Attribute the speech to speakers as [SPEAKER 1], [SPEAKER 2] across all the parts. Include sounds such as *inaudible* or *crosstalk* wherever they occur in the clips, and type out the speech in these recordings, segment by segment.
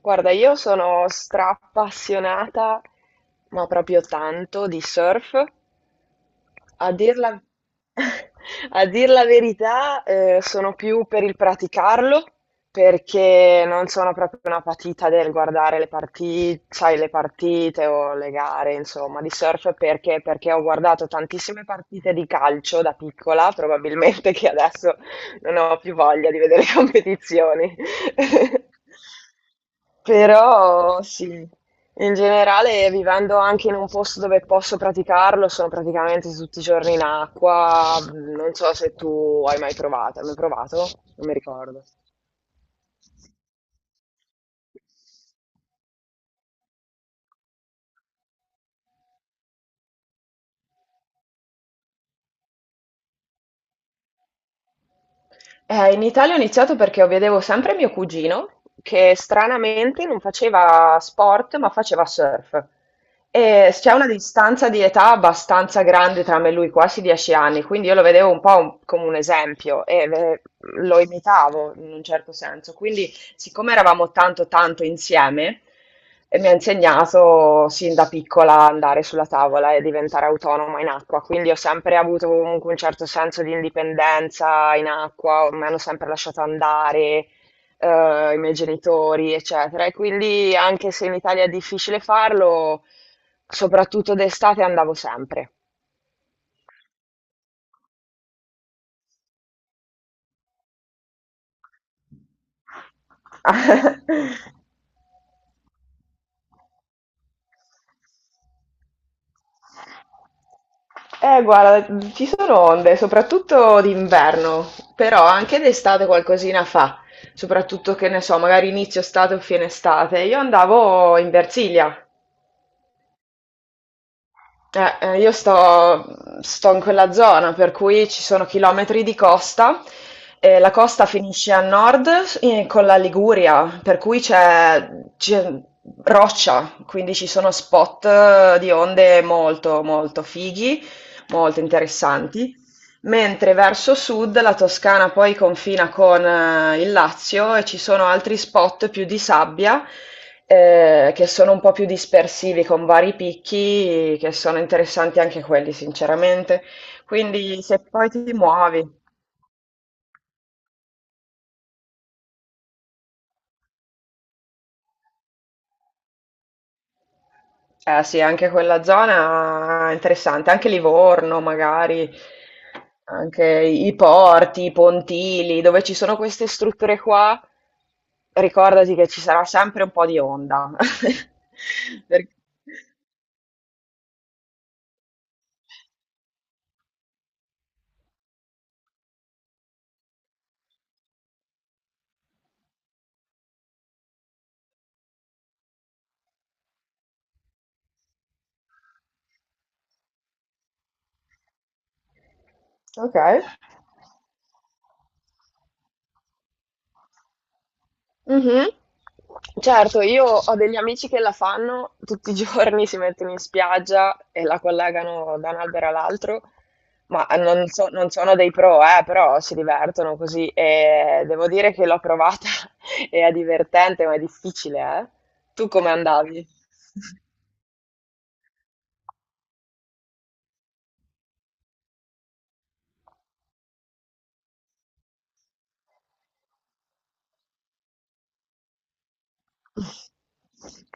[SPEAKER 1] Guarda, io sono stra appassionata, ma proprio tanto, di surf. A dir la, *laughs* a dir la verità, sono più per il praticarlo perché non sono proprio una patita del guardare le partite, sai, le partite o le gare, insomma, di surf perché ho guardato tantissime partite di calcio da piccola, probabilmente che adesso non ho più voglia di vedere *laughs* competizioni. *laughs* Però sì. In generale, vivendo anche in un posto dove posso praticarlo, sono praticamente tutti i giorni in acqua. Non so se tu hai mai provato. Hai mai provato? Non mi ricordo. In Italia ho iniziato perché vedevo sempre mio cugino, che stranamente non faceva sport, ma faceva surf. E c'è una distanza di età abbastanza grande tra me e lui, quasi 10 anni, quindi io lo vedevo un po' come un esempio e lo imitavo in un certo senso. Quindi, siccome eravamo tanto tanto insieme, mi ha insegnato sin da piccola a andare sulla tavola e diventare autonoma in acqua, quindi ho sempre avuto comunque un certo senso di indipendenza in acqua, mi hanno sempre lasciato andare, i miei genitori, eccetera. E quindi anche se in Italia è difficile farlo, soprattutto d'estate andavo sempre. *laughs* Guarda, ci sono onde, soprattutto d'inverno, però anche d'estate qualcosina fa, soprattutto che ne so, magari inizio estate o fine estate. Io andavo in Versilia, eh, eh, io sto, sto in quella zona, per cui ci sono chilometri di costa, e la costa finisce a nord con la Liguria, per cui c'è roccia, quindi ci sono spot di onde molto, molto fighi, molto interessanti. Mentre verso sud la Toscana poi confina con il Lazio e ci sono altri spot più di sabbia, che sono un po' più dispersivi con vari picchi che sono interessanti anche quelli sinceramente. Quindi se poi ti muovi. Eh sì, anche quella zona è interessante, anche Livorno magari, anche i porti, i pontili, dove ci sono queste strutture qua, ricordati che ci sarà sempre un po' di onda. *laughs* Per- Ok. Mhm. Certo, io ho degli amici che la fanno tutti i giorni, si mettono in spiaggia e la collegano da un albero all'altro, ma non sono dei pro, però si divertono così e devo dire che l'ho provata *laughs* e è divertente, ma è difficile, eh. Tu come andavi? *laughs*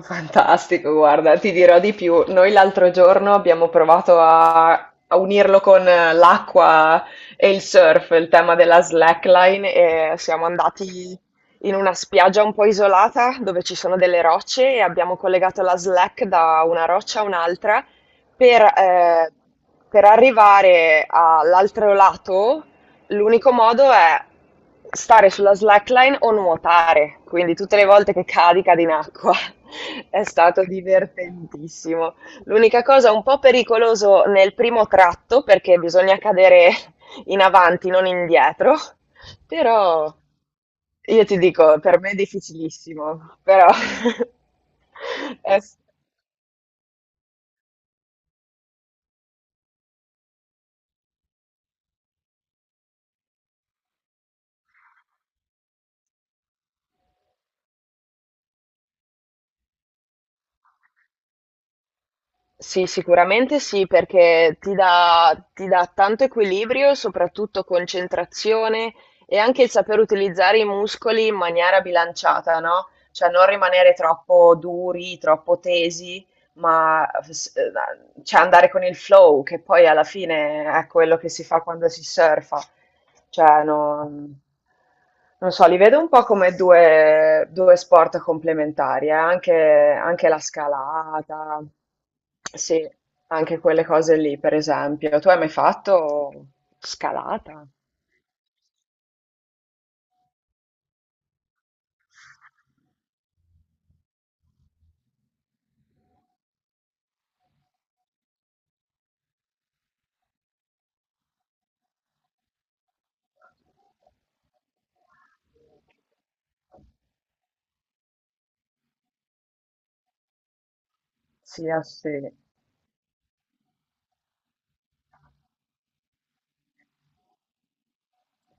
[SPEAKER 1] Fantastico, guarda, ti dirò di più. Noi l'altro giorno abbiamo provato a unirlo con l'acqua e il surf, il tema della slackline, e siamo andati in una spiaggia un po' isolata dove ci sono delle rocce e abbiamo collegato la slack da una roccia a un'altra per, eh, per arrivare all'altro lato. L'unico modo è stare sulla slackline o nuotare, quindi tutte le volte che cadi, cadi in acqua. *laughs* È stato divertentissimo. L'unica cosa un po' pericoloso nel primo tratto perché bisogna cadere *laughs* in avanti, non indietro, però io ti dico, per me è difficilissimo, però *laughs* è s- Sì, sicuramente sì, perché ti dà tanto equilibrio, soprattutto concentrazione e anche il saper utilizzare i muscoli in maniera bilanciata, no? Cioè non rimanere troppo duri, troppo tesi, ma cioè andare con il flow, che poi alla fine è quello che si fa quando si surfa. Cioè, non so, li vedo un po' come due sport complementari, eh. Anche, anche la scalata, sì, anche quelle cose lì, per esempio. Tu hai mai fatto scalata? Sì, ah, sì.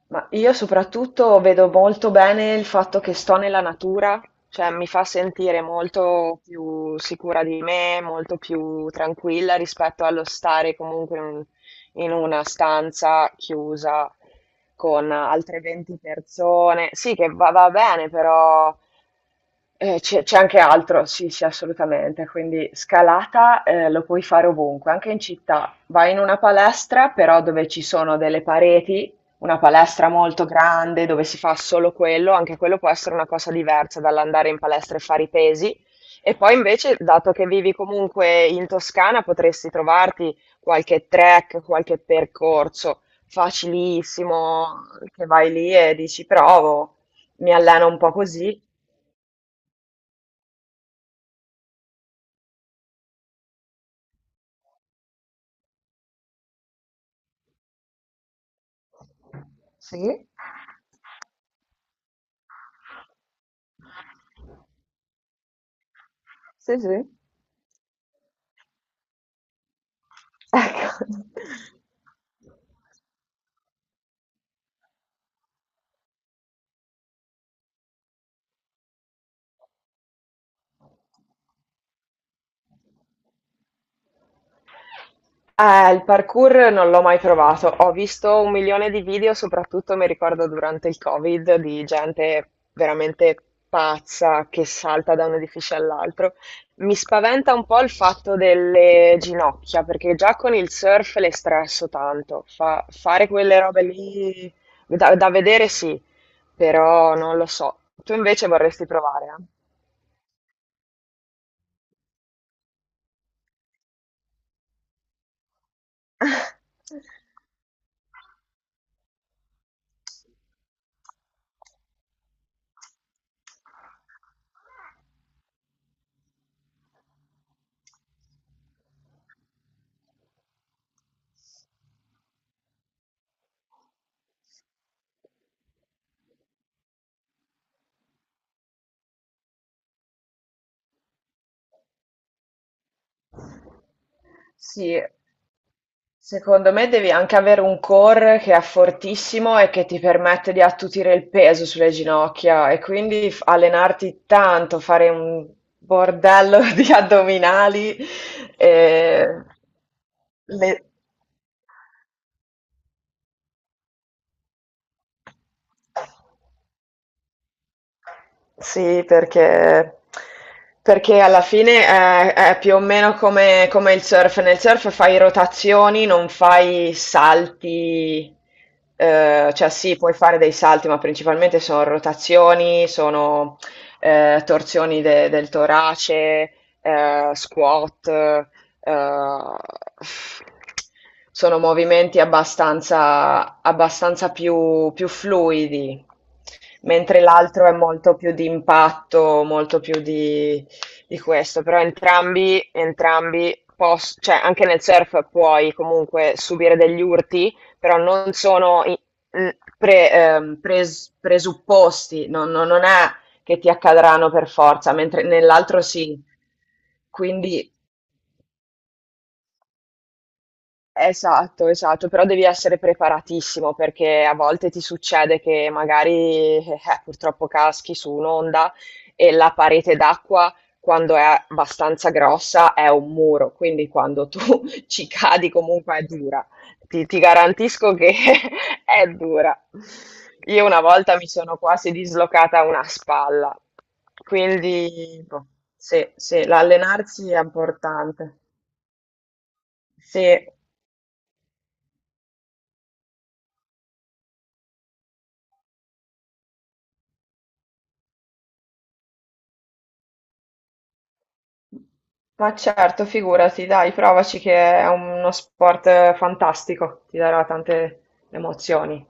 [SPEAKER 1] Ma io soprattutto vedo molto bene il fatto che sto nella natura, cioè mi fa sentire molto più sicura di me, molto più tranquilla rispetto allo stare comunque in una stanza chiusa con altre 20 persone. Sì, che va, va bene, però c'è anche altro, sì, sì, assolutamente. Quindi scalata lo puoi fare ovunque, anche in città. Vai in una palestra, però dove ci sono delle pareti, una palestra molto grande dove si fa solo quello, anche quello può essere una cosa diversa dall'andare in palestra e fare i pesi. E poi invece, dato che vivi comunque in Toscana, potresti trovarti qualche track, qualche percorso facilissimo, che vai lì e dici, provo, mi alleno un po' così. Il parkour non l'ho mai provato. Ho visto un milione di video, soprattutto mi ricordo durante il Covid, di gente veramente pazza che salta da un edificio all'altro. Mi spaventa un po' il fatto delle ginocchia, perché già con il surf le stresso tanto. Fare quelle robe lì da vedere sì, però non lo so. Tu invece vorresti provare, eh? *laughs* Sì. Secondo me devi anche avere un core che è fortissimo e che ti permette di attutire il peso sulle ginocchia e quindi allenarti tanto, fare un bordello *laughs* di addominali. E le... Sì, perché perché alla fine è più o meno come come il surf. Nel surf fai rotazioni, non fai salti, cioè sì, puoi fare dei salti, ma principalmente sono rotazioni, sono, torsioni de del torace, squat, ehm, sono movimenti abbastanza più fluidi, mentre l'altro è molto più di impatto, molto più di questo, però entrambi, cioè anche nel surf puoi comunque subire degli urti, però non sono presupposti, non è che ti accadranno per forza, mentre nell'altro sì. Quindi, esatto, esatto, però devi essere preparatissimo perché a volte ti succede che magari purtroppo caschi su un'onda e la parete d'acqua quando è abbastanza grossa è un muro, quindi quando tu *laughs* ci cadi comunque è dura. Ti garantisco che *laughs* è dura. Io una volta mi sono quasi dislocata una spalla, quindi boh, sì, sì, l'allenarsi è importante. Sì. Ma certo, figurati, dai, provaci che è uno sport fantastico, ti darà tante emozioni.